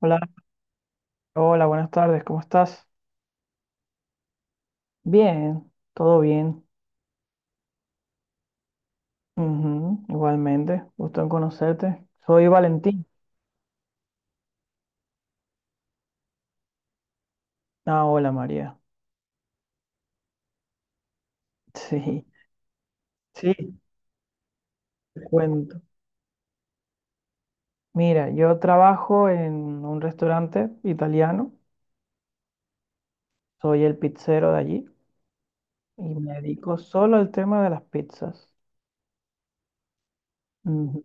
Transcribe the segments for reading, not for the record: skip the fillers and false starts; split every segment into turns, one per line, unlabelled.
Hola, hola, buenas tardes, ¿cómo estás? Bien, todo bien. Ujú, igualmente, gusto en conocerte. Soy Valentín. Ah, hola María. Sí, sí, te cuento. Mira, yo trabajo en un restaurante italiano, soy el pizzero de allí y me dedico solo al tema de las pizzas. Ujú.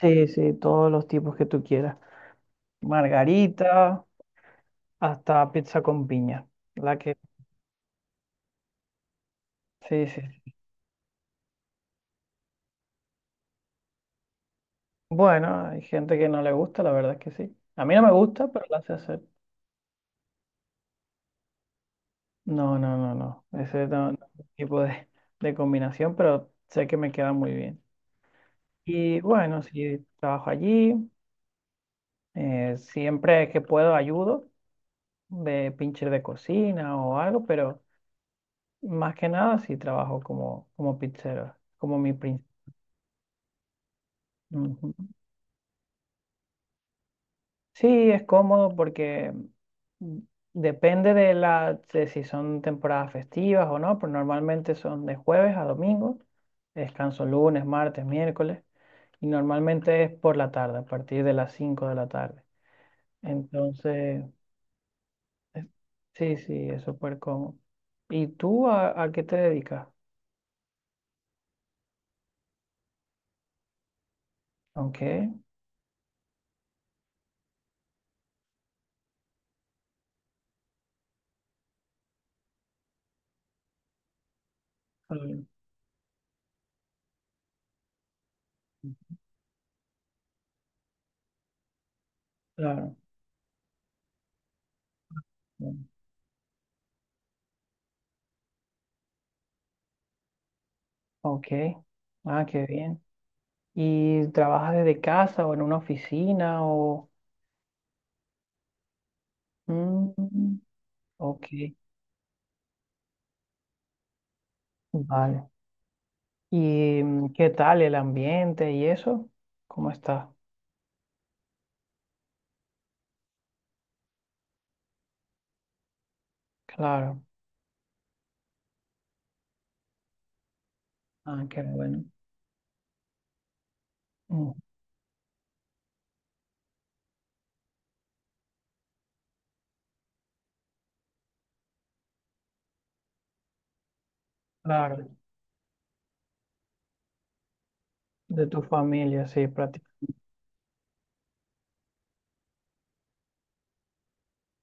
Sí, sí, todos los tipos que tú quieras. Margarita, hasta pizza con piña. La que, sí, sí, bueno, hay gente que no le gusta, la verdad es que sí. A mí no me gusta, pero la sé hacer. No, no, no, no. Ese no, no es mi tipo de combinación, pero sé que me queda muy bien. Y bueno, sí, trabajo allí. Siempre que puedo ayudo de pincher de cocina o algo, pero más que nada sí trabajo como, como pizzero, como mi principal. Sí, es cómodo porque mm, depende de la de si son temporadas festivas o no, pero normalmente son de jueves a domingo, descanso lunes, martes, miércoles, y normalmente es por la tarde, a partir de las 5 de la tarde. Entonces, es- sí, sí, es súper cómodo. ¿Y tú a qué te dedicas? Ok. Mm, claro. Mm, ok, ah, qué bien. ¿Y trabajas desde casa o en una oficina o...? Mm, ok, vale. ¿Y qué tal el ambiente y eso? ¿Cómo está? Claro. Ah, qué bueno. Mm, claro, de tu familia, sí, prácticamente.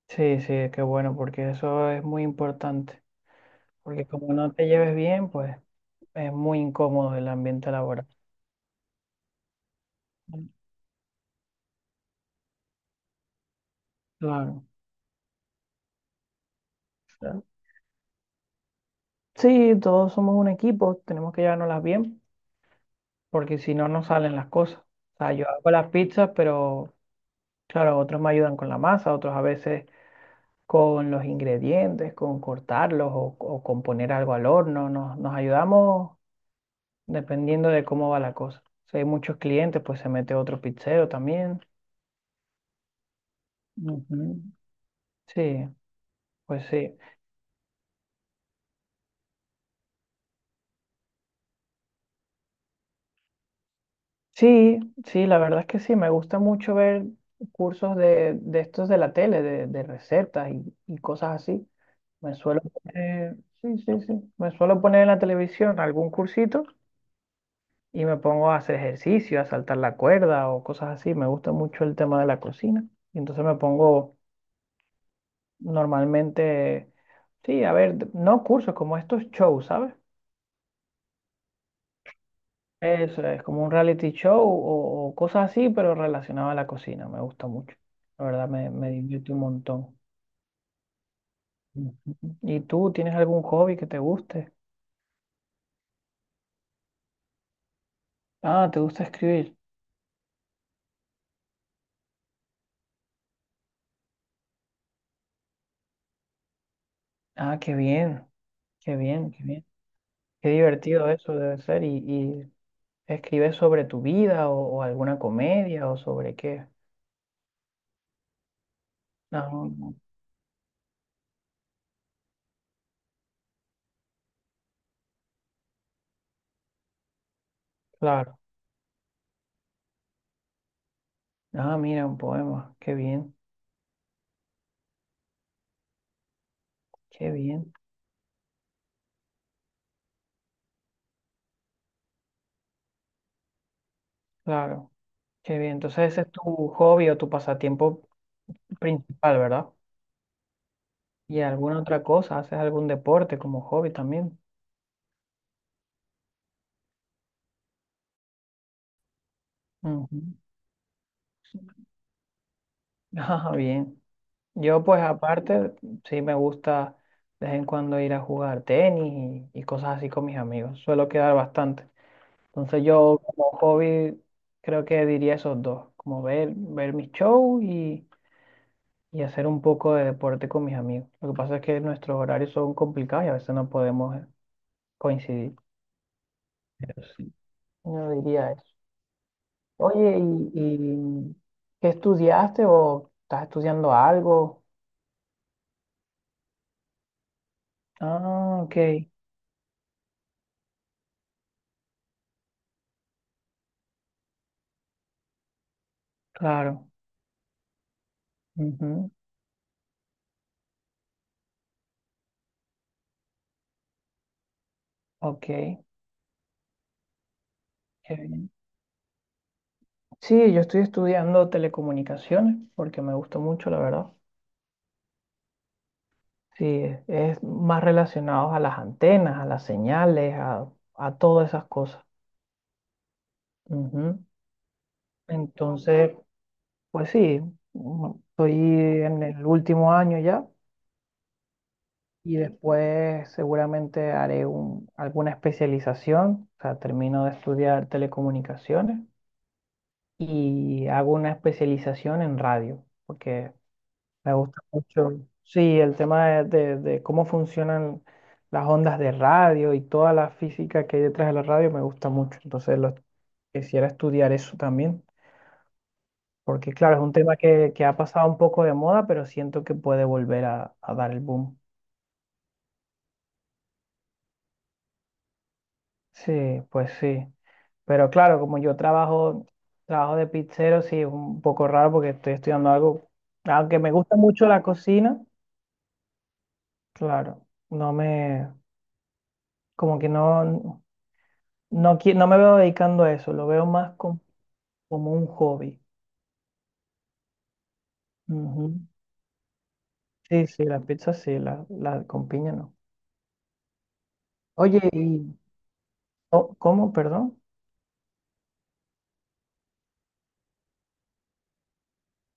Sí, sí, qué bueno, porque eso es muy importante. Porque como no te lleves bien, pues es muy incómodo el ambiente laboral. Mm, claro. Claro. Sí, todos somos un equipo, tenemos que llevárnoslas bien, porque si no, no salen las cosas. O sea, yo hago las pizzas, pero claro, otros me ayudan con la masa, otros a veces con los ingredientes, con cortarlos o con poner algo al horno. Nos ayudamos dependiendo de cómo va la cosa. Si hay muchos clientes, pues se mete otro pizzero también. Ujú. Sí, pues sí. Sí, sí, la verdad es que sí, me gusta mucho ver cursos de estos de la tele, de recetas y cosas así. Me suelo poner, sí, sí, sí, me suelo poner en la televisión algún cursito. Y me pongo a hacer ejercicio, a saltar la cuerda o cosas así. Me gusta mucho el tema de la cocina. Y entonces me pongo normalmente, sí, a ver, no cursos, como estos shows, ¿sabes? Eso es como un reality show o cosas así, pero relacionado a la cocina. Me gusta mucho. La verdad me divierte un montón. Ujú. ¿Y tú tienes algún hobby que te guste? Ah, ¿te gusta escribir? Ah, qué bien, qué bien, qué bien. Qué divertido eso debe ser. Y, ¿escribes sobre tu vida o alguna comedia o sobre qué? Ah no, claro. Ah, mira, un poema. Qué bien, claro, qué bien. Entonces ese es tu hobby o tu pasatiempo principal, ¿verdad? ¿Y alguna otra cosa? ¿Haces algún deporte como hobby también? Ujú. Ah, bien. Yo pues aparte, sí me gusta de vez en cuando ir a jugar tenis y cosas así con mis amigos. Suelo quedar bastante. Entonces yo como hobby creo que diría esos dos, como ver, ver mis shows y hacer un poco de deporte con mis amigos. Lo que pasa es que nuestros horarios son complicados y a veces no podemos coincidir. Pero sí, yo diría eso. Oye, y qué estudiaste o estás estudiando algo? Ah, ok, claro. Ujú, ok, qué bien. Sí, yo estoy estudiando telecomunicaciones porque me gusta mucho, la verdad. Sí, es más relacionados a las antenas, a las señales, a todas esas cosas. Ujú. Entonces, pues sí, estoy en el último año ya y después seguramente haré alguna especialización, o sea, termino de estudiar telecomunicaciones y hago una especialización en radio, porque me gusta mucho, sí, el tema de, de cómo funcionan las ondas de radio y toda la física que hay detrás de la radio me gusta mucho. Entonces, lo, quisiera estudiar eso también, porque claro, es un tema que ha pasado un poco de moda, pero siento que puede volver a dar el boom. Sí, pues sí. Pero claro, como yo trabajo, trabajo de pizzero, sí, es un poco raro porque estoy estudiando algo, aunque me gusta mucho la cocina, claro, no me, como que no. No, no me veo dedicando a eso, lo veo más como un hobby. Ujú. Sí, sí, las pizzas sí, las la con piña no. Oye, y oh, ¿cómo? Perdón.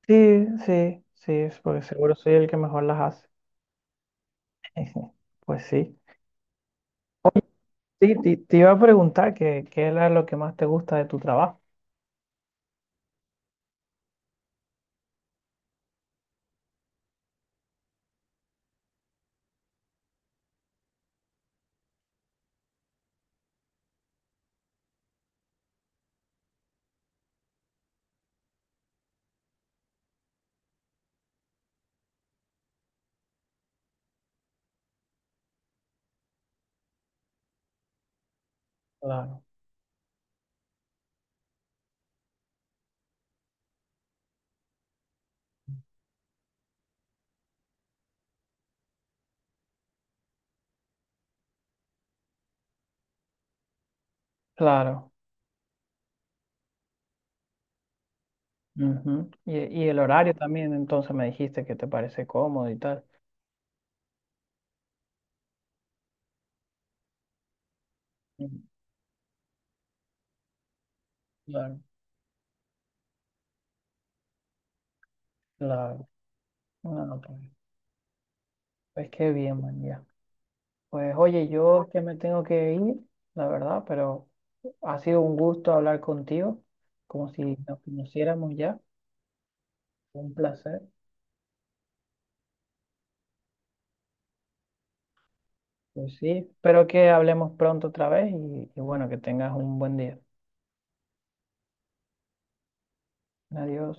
Sí, sí, sí, es porque seguro soy el que mejor las hace. Pues sí. Sí, te iba a preguntar qué era lo que más te gusta de tu trabajo. Claro, claro. Ujú. Y el horario también, entonces me dijiste que te parece cómodo y tal. Ujú. Claro, claro. No, no, pues, pues qué bien, man, ya. Pues oye, yo es que me tengo que ir, la verdad, pero ha sido un gusto hablar contigo, como si nos conociéramos ya, un placer. Pues sí, espero que hablemos pronto otra vez y bueno, que tengas un buen día. Adiós.